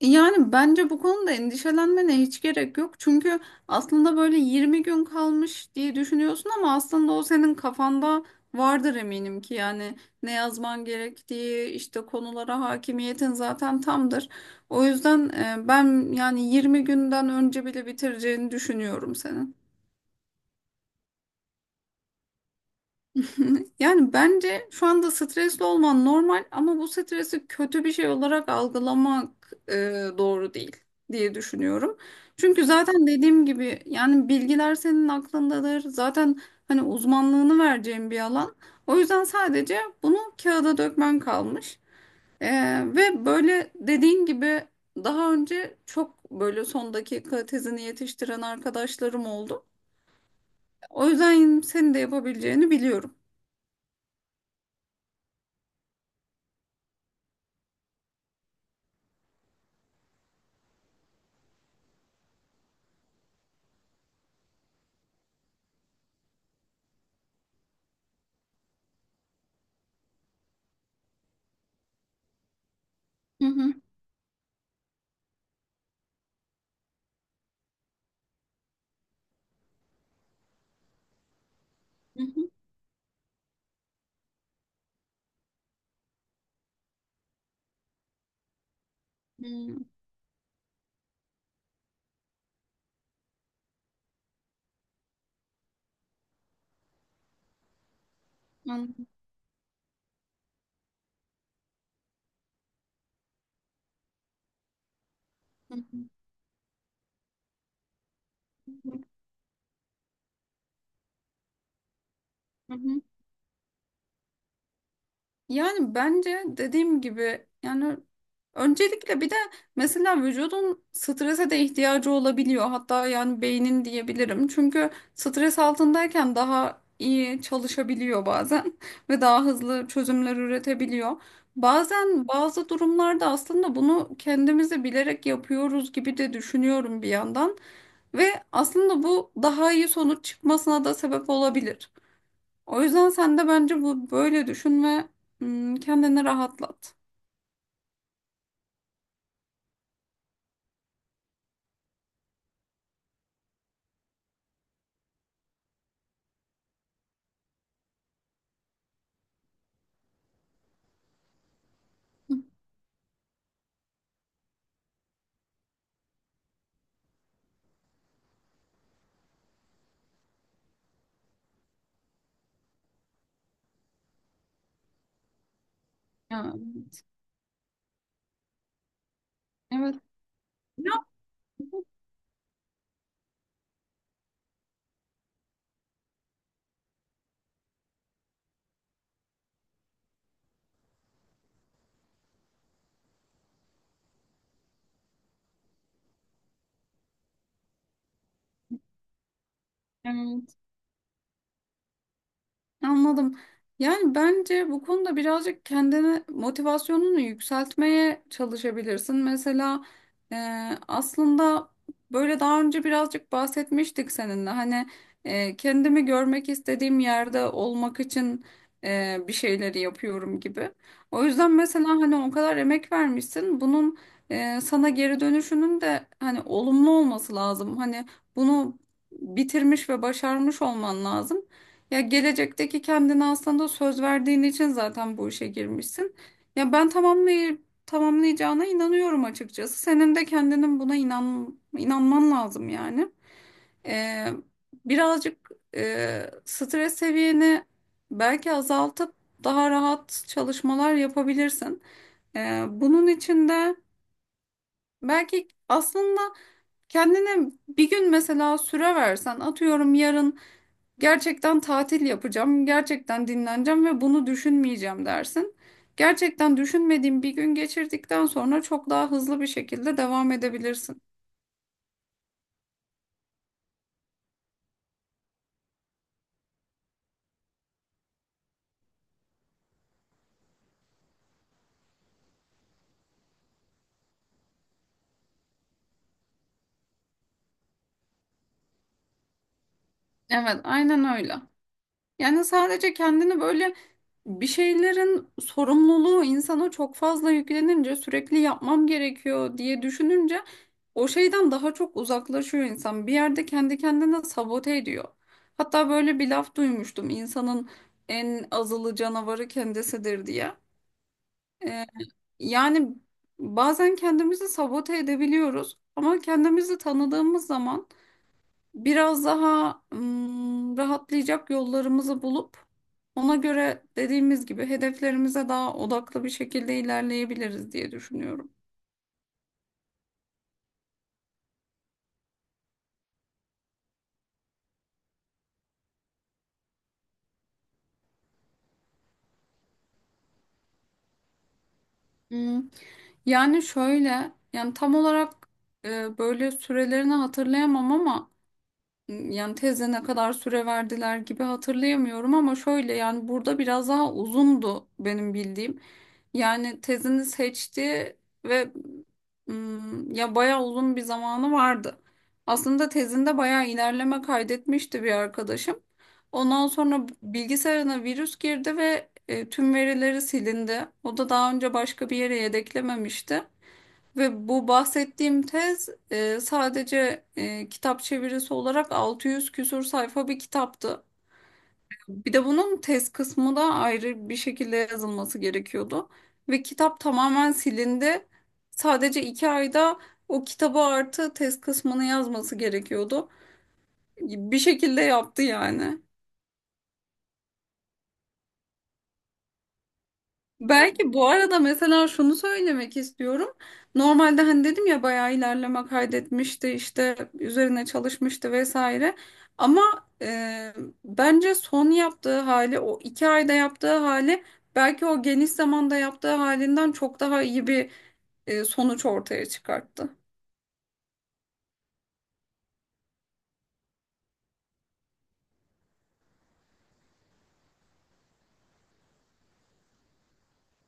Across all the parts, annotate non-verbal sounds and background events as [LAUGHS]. Yani bence bu konuda endişelenmene hiç gerek yok. Çünkü aslında böyle 20 gün kalmış diye düşünüyorsun, ama aslında o senin kafanda vardır eminim ki yani ne yazman gerektiği işte, konulara hakimiyetin zaten tamdır. O yüzden ben yani 20 günden önce bile bitireceğini düşünüyorum senin. [LAUGHS] Yani bence şu anda stresli olman normal, ama bu stresi kötü bir şey olarak algılamak doğru değil diye düşünüyorum. Çünkü zaten dediğim gibi yani bilgiler senin aklındadır. Zaten hani uzmanlığını vereceğin bir alan. O yüzden sadece bunu kağıda dökmen kalmış. E, Ve böyle dediğin gibi daha önce çok böyle son dakika tezini yetiştiren arkadaşlarım oldu. O yüzden senin de yapabileceğini biliyorum. Hı hı. Hmm, anladım. Hı hı. Hı hı. Yani bence dediğim gibi yani öncelikle bir de mesela vücudun strese de ihtiyacı olabiliyor. Hatta yani beynin diyebilirim. Çünkü stres altındayken daha iyi çalışabiliyor bazen [LAUGHS] ve daha hızlı çözümler üretebiliyor. Bazen bazı durumlarda aslında bunu kendimizi bilerek yapıyoruz gibi de düşünüyorum bir yandan, ve aslında bu daha iyi sonuç çıkmasına da sebep olabilir. O yüzden sen de bence bu böyle düşün ve hmm, kendini rahatlat. Ya, evet. Ya. Anladım. Yani bence bu konuda birazcık kendini, motivasyonunu yükseltmeye çalışabilirsin. Mesela e, aslında böyle daha önce birazcık bahsetmiştik seninle. Hani kendimi görmek istediğim yerde olmak için bir şeyleri yapıyorum gibi. O yüzden mesela hani o kadar emek vermişsin. Bunun sana geri dönüşünün de hani olumlu olması lazım. Hani bunu bitirmiş ve başarmış olman lazım. Ya gelecekteki kendine aslında söz verdiğin için zaten bu işe girmişsin. Ya ben tamamlay tamamlayacağına inanıyorum açıkçası. Senin de kendinin buna inanman lazım yani. Ee, Birazcık stres seviyeni belki azaltıp daha rahat çalışmalar yapabilirsin. Bunun için de belki aslında kendine bir gün mesela süre versen, atıyorum yarın gerçekten tatil yapacağım, gerçekten dinleneceğim ve bunu düşünmeyeceğim dersin. Gerçekten düşünmediğin bir gün geçirdikten sonra çok daha hızlı bir şekilde devam edebilirsin. Evet, aynen öyle. Yani sadece kendini böyle, bir şeylerin sorumluluğu insana çok fazla yüklenince sürekli yapmam gerekiyor diye düşününce o şeyden daha çok uzaklaşıyor insan. Bir yerde kendi kendine sabote ediyor. Hatta böyle bir laf duymuştum, insanın en azılı canavarı kendisidir diye. Ee, Yani bazen kendimizi sabote edebiliyoruz, ama kendimizi tanıdığımız zaman biraz daha rahatlayacak yollarımızı bulup ona göre dediğimiz gibi hedeflerimize daha odaklı bir şekilde ilerleyebiliriz diye düşünüyorum. Hmm. Yani şöyle, yani tam olarak böyle sürelerini hatırlayamam, ama yani teze ne kadar süre verdiler gibi hatırlayamıyorum, ama şöyle yani burada biraz daha uzundu benim bildiğim. Yani tezini seçti ve mm, ya bayağı uzun bir zamanı vardı. Aslında tezinde bayağı ilerleme kaydetmişti bir arkadaşım. Ondan sonra bilgisayarına virüs girdi ve tüm verileri silindi. O da daha önce başka bir yere yedeklememişti. Ve bu bahsettiğim tez sadece kitap çevirisi olarak 600 küsur sayfa bir kitaptı. Bir de bunun tez kısmı da ayrı bir şekilde yazılması gerekiyordu. Ve kitap tamamen silindi. Sadece 2 ayda o kitabı artı tez kısmını yazması gerekiyordu. Bir şekilde yaptı yani. Belki bu arada mesela şunu söylemek istiyorum. Normalde hani dedim ya, bayağı ilerleme kaydetmişti, işte üzerine çalışmıştı vesaire. Ama e, bence son yaptığı hali, o 2 ayda yaptığı hali, belki o geniş zamanda yaptığı halinden çok daha iyi bir sonuç ortaya çıkarttı.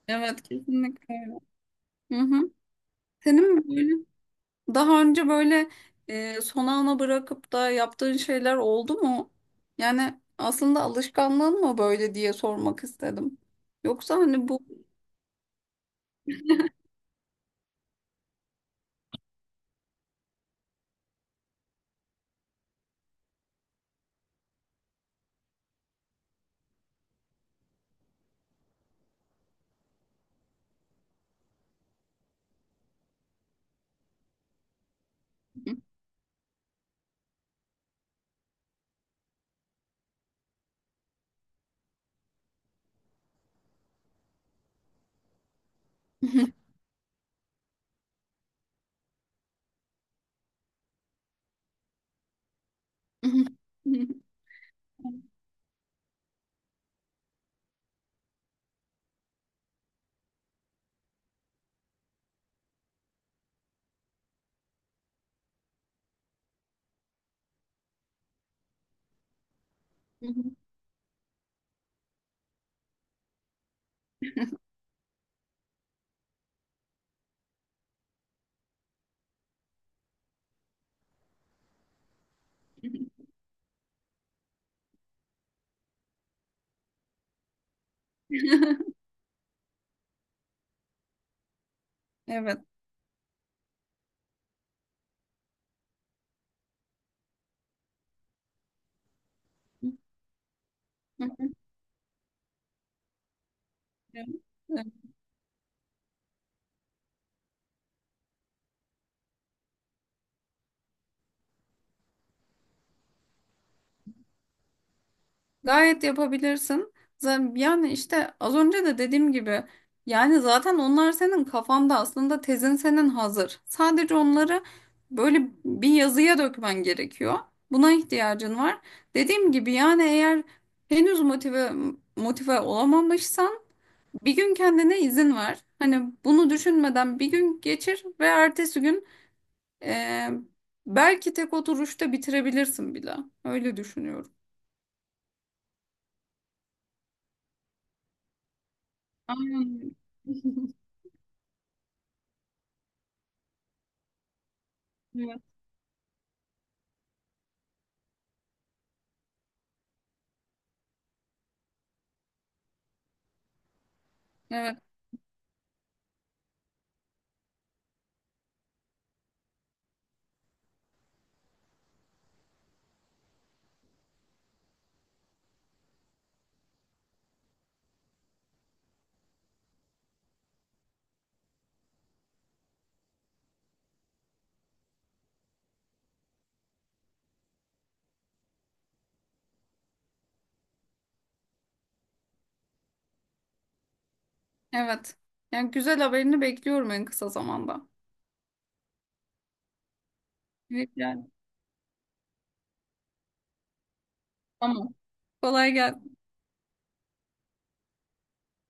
Evet, kesinlikle. Hı hı. Senin mi böyle? Daha önce böyle son ana bırakıp da yaptığın şeyler oldu mu? Yani aslında alışkanlığın mı böyle diye sormak istedim. Yoksa hani bu... [LAUGHS] Evet. Gayet yapabilirsin. Yani işte az önce de dediğim gibi yani zaten onlar senin kafanda, aslında tezin senin hazır. Sadece onları böyle bir yazıya dökmen gerekiyor. Buna ihtiyacın var. Dediğim gibi yani, eğer henüz motive olamamışsan bir gün kendine izin ver. Hani bunu düşünmeden bir gün geçir ve ertesi gün eee, belki tek oturuşta bitirebilirsin bile. Öyle düşünüyorum. Aynen. [LAUGHS] Evet, evet. Yani güzel haberini bekliyorum en kısa zamanda. Evet, yani. Tamam. Kolay gelsin.